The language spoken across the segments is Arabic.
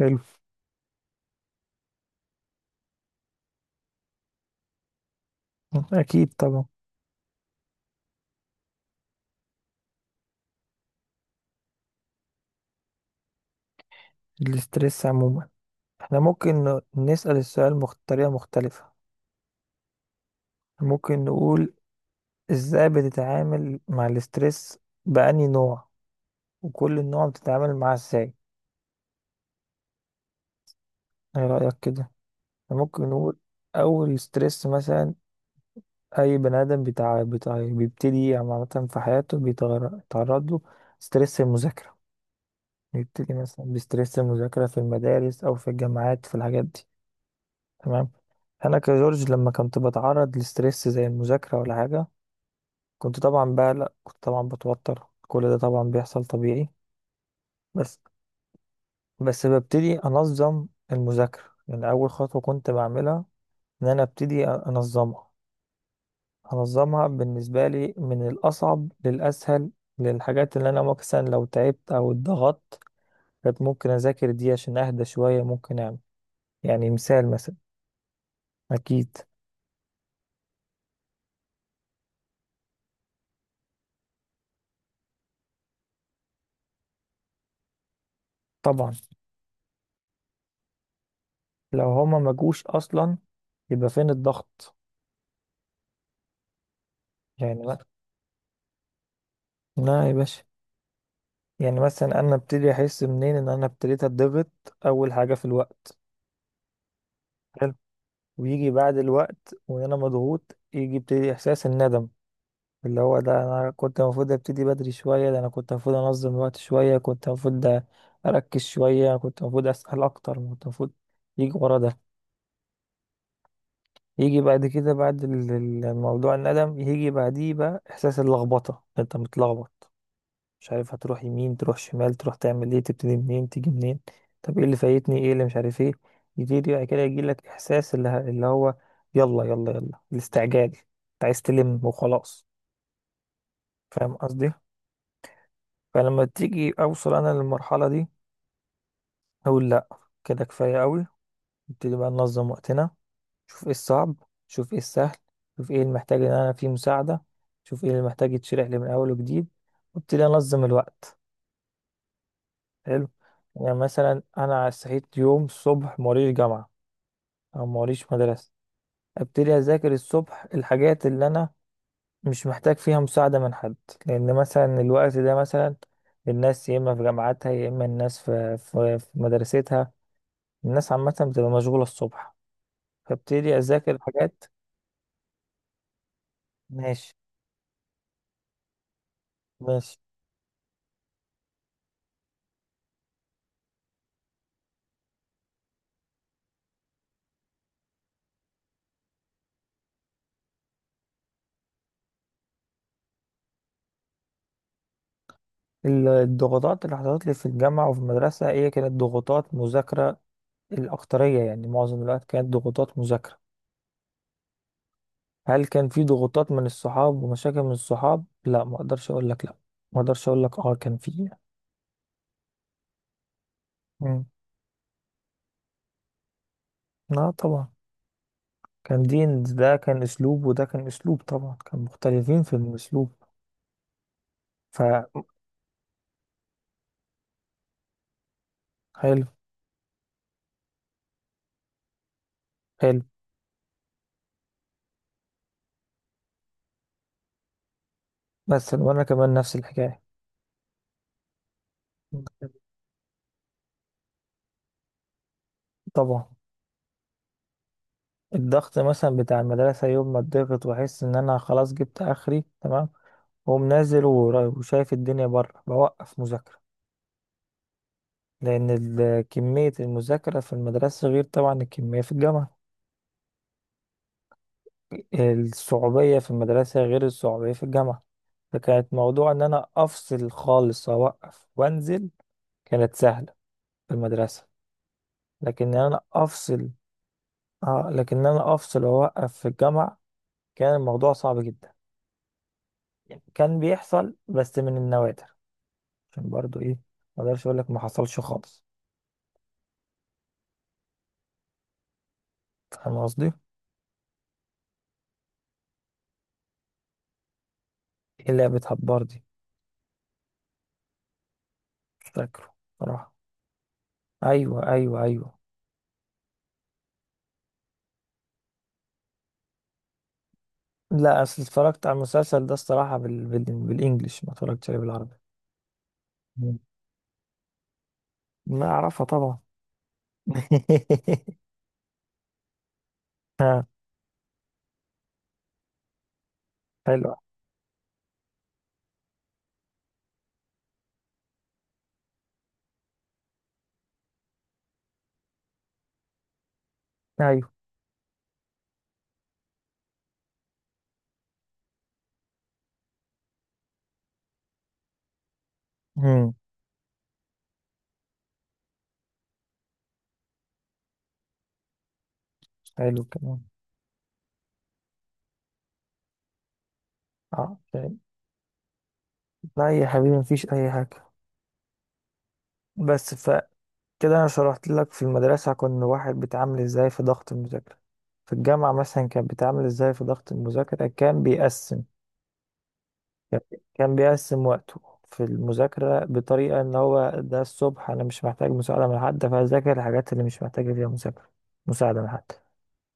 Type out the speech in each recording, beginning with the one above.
حلو. أكيد طبعا. الاسترس عموما، احنا ممكن نسأل السؤال بطريقة مختلفة. ممكن نقول: ازاي بتتعامل مع الاسترس؟ بأني نوع، وكل نوع بتتعامل معاه ازاي؟ ايه رأيك كده؟ احنا ممكن نقول أول ستريس مثلا. أي بني آدم بتاع بتاع بيبتدي عامة في حياته بيتعرض له ستريس المذاكرة. بيبتدي مثلا بستريس المذاكرة في المدارس أو في الجامعات، في الحاجات دي. تمام. انا كجورج لما كنت بتعرض لستريس زي المذاكره ولا حاجه، كنت طبعا بقلق، كنت طبعا بتوتر، كل ده طبعا بيحصل طبيعي. بس بس ببتدي انظم المذاكره، يعني اول خطوه كنت بعملها ان انا ابتدي انظمها. انظمها بالنسبه لي من الاصعب للاسهل، للحاجات اللي انا مثلا لو تعبت او اتضغطت، كانت ممكن اذاكر دي عشان اهدى شويه. ممكن اعمل يعني مثال مثلا. اكيد طبعا. لو هما ما جوش اصلا، يبقى فين الضغط؟ يعني لا، لا يا باشا. يعني مثلا انا ابتدي احس منين ان انا ابتديت اتضغط؟ اول حاجه في الوقت. حلو. ويجي بعد الوقت وان انا مضغوط، يجي ابتدي احساس الندم. اللي هو ده انا كنت المفروض ابتدي بدري شويه، ده انا كنت المفروض انظم الوقت شويه، كنت المفروض اركز شويه، كنت المفروض اسال اكتر، كنت المفروض. يجي ورا ده. يجي بعد كده، بعد الموضوع الندم، يجي بعديه بقى احساس اللخبطه. انت متلخبط، مش عارف هتروح يمين، تروح شمال، تروح تعمل ايه، تبتدي منين، تيجي منين؟ طب ايه اللي فايتني، ايه اللي مش عارف ايه. يجي بعد كده، يجي لك احساس اللي هو يلا يلا يلا، الاستعجال، انت عايز تلم وخلاص. فاهم قصدي؟ فلما تيجي اوصل انا للمرحله دي، اقول لا، كده كفايه قوي. نبتدي بقى ننظم وقتنا. شوف ايه الصعب، شوف ايه السهل، شوف ايه اللي محتاج ان انا فيه مساعده، شوف ايه اللي محتاج يتشرح لي من اول وجديد، وابتدي انظم الوقت. حلو. يعني مثلا انا صحيت يوم الصبح موريش جامعه او موريش مدرسه، ابتدي اذاكر الصبح الحاجات اللي انا مش محتاج فيها مساعده من حد. لان مثلا الوقت ده مثلا الناس يا اما في جامعاتها يا اما الناس في مدرستها. الناس عامه بتبقى مشغوله الصبح، فابتدي اذاكر حاجات. ماشي. ماشي. الضغوطات اللي حصلت لي في الجامعه وفي المدرسه هي كانت ضغوطات مذاكره. الاكتريه، يعني معظم الوقت كانت ضغوطات مذاكره. هل كان في ضغوطات من الصحاب ومشاكل من الصحاب؟ لا، ما اقدرش اقول لك لا، ما اقدرش اقول لك اه كان في. مم. لا طبعا. كان دين، ده كان اسلوب وده كان اسلوب، طبعا كان مختلفين في الاسلوب. فحلو. حلو. مثلا وانا كمان نفس الحكايه. مم. طبعا. الضغط مثلا بتاع المدرسه، يوم ما اتضغط واحس ان انا خلاص جبت اخري تمام، واقوم نازل وشايف الدنيا بره، بوقف مذاكره. لان كميه المذاكره في المدرسه غير طبعا الكميه في الجامعه. الصعوبية في المدرسة غير الصعوبية في الجامعة. فكانت موضوع إن أنا أفصل خالص، أوقف وأنزل. كانت سهلة في المدرسة. لكن إن أنا أفصل. آه، لكن إن أنا أفصل وأوقف في الجامعة، كان الموضوع صعب جدا. يعني كان بيحصل بس من النوادر. عشان برضو إيه؟ ما أقدرش أقول لك ما حصلش خالص. فاهم قصدي؟ إيه لعبة هبار دي؟ مش فاكره صراحة. أيوه، أيوه، أيوه. لا، أصل اتفرجت على المسلسل ده الصراحة بالإنجلش، ما اتفرجتش عليه بالعربي. لا، أعرفها طبعا. ها. حلو. أيوه. مم. حلو كمان. أه، طيب. لا يا حبيبي، مفيش أي حاجة. بس فكده. أنا شرحت لك في المدرسة كنا واحد بيتعامل إزاي في ضغط المذاكرة. في الجامعة مثلا كان بيتعامل إزاي في ضغط المذاكرة؟ كان بيقسم. كان كان بيقسم وقته في المذاكرة بطريقة إن هو، ده الصبح أنا مش محتاج مساعدة من حد، فأذاكر الحاجات اللي مش محتاجة فيها مذاكرة. مساعدة من حد.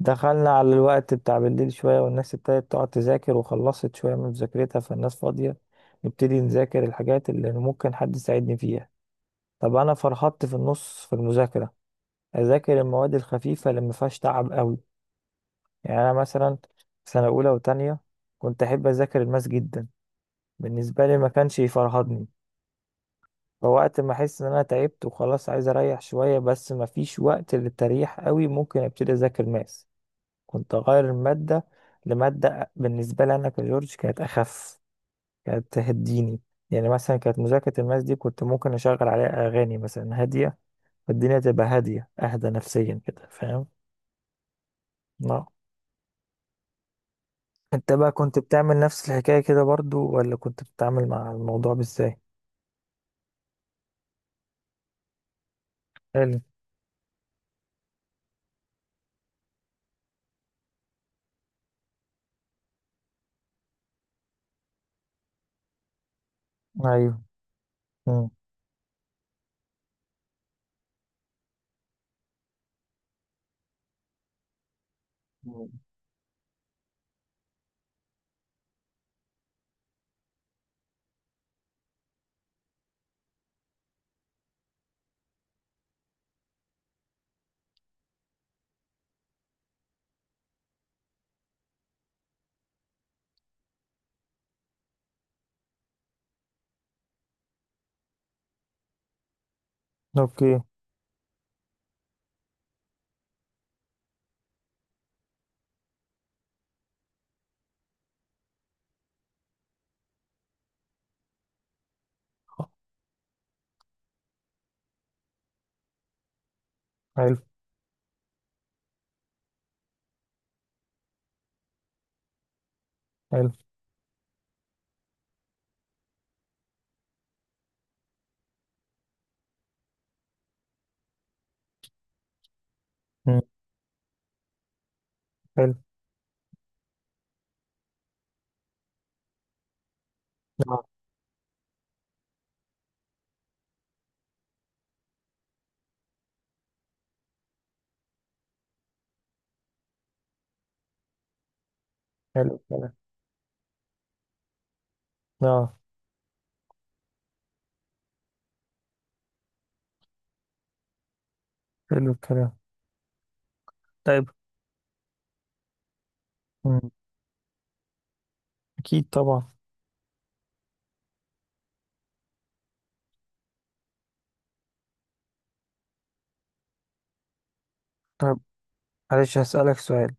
دخلنا على الوقت بتاع بالليل شوية، والناس ابتدت تقعد تذاكر وخلصت شوية من مذاكرتها، فالناس فاضية. نبتدي نذاكر الحاجات اللي ممكن حد يساعدني فيها. طب أنا فرحت في النص في المذاكرة. أذاكر المواد الخفيفة اللي ما فيهاش تعب قوي. يعني أنا مثلا سنة أولى وتانية كنت أحب أذاكر الماس جدا. بالنسبة لي ما كانش يفرهدني. فوقت ما أحس إن أنا تعبت وخلاص عايز أريح شوية، بس ما فيش وقت للتريح قوي، ممكن أبتدي أذاكر ماس. كنت أغير المادة لمادة بالنسبة لي أنا كجورج كانت أخف، كانت تهديني. يعني مثلا كانت مذاكرة الماس دي كنت ممكن أشغل عليها أغاني مثلا هادية. فالدنيا تبقى هادية، أهدى نفسيا كده، فاهم؟ لا. أنت بقى كنت بتعمل نفس الحكاية كده برضو، ولا كنت بتتعامل مع الموضوع بإزاي؟ حلو. أيوه. مم. مم. أوكي. حلو. حلو. مم. حلو. نعم. حلو الكلام. نعم. حلو الكلام. طيب. مم. أكيد طبعا. طيب، معلش هسألك سؤال.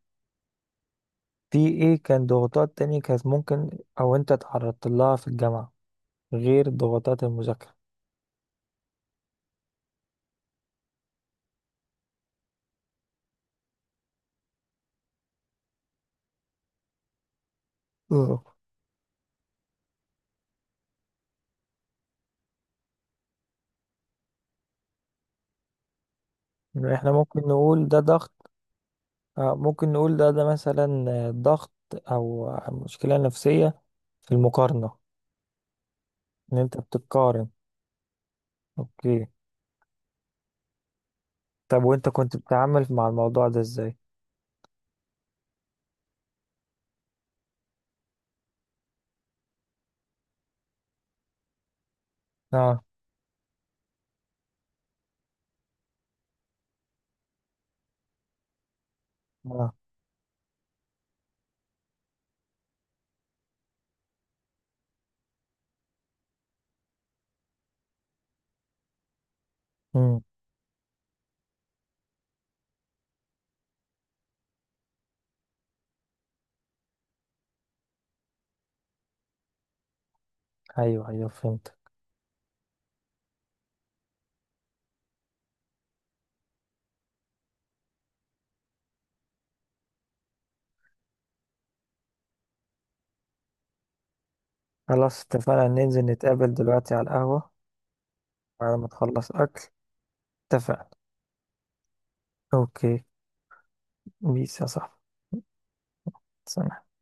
في ايه كان ضغوطات تانية كانت ممكن، او انت تعرضت لها في الجامعة غير ضغوطات المذاكرة؟ اه. يعني احنا ممكن نقول ده ضغط؟ آه، ممكن نقول ده مثلا ضغط او مشكلة نفسية في المقارنة. ان انت بتتقارن. اوكي. طب، وانت كنت بتتعامل مع الموضوع ده ازاي؟ اه، اه. امم. ايوه، ايوه، فهمت. خلاص، اتفقنا ننزل نتقابل دلوقتي على القهوة. بعد ما تخلص اكل. اتفقنا. اوكي. بيس يا صاحبي. سلام.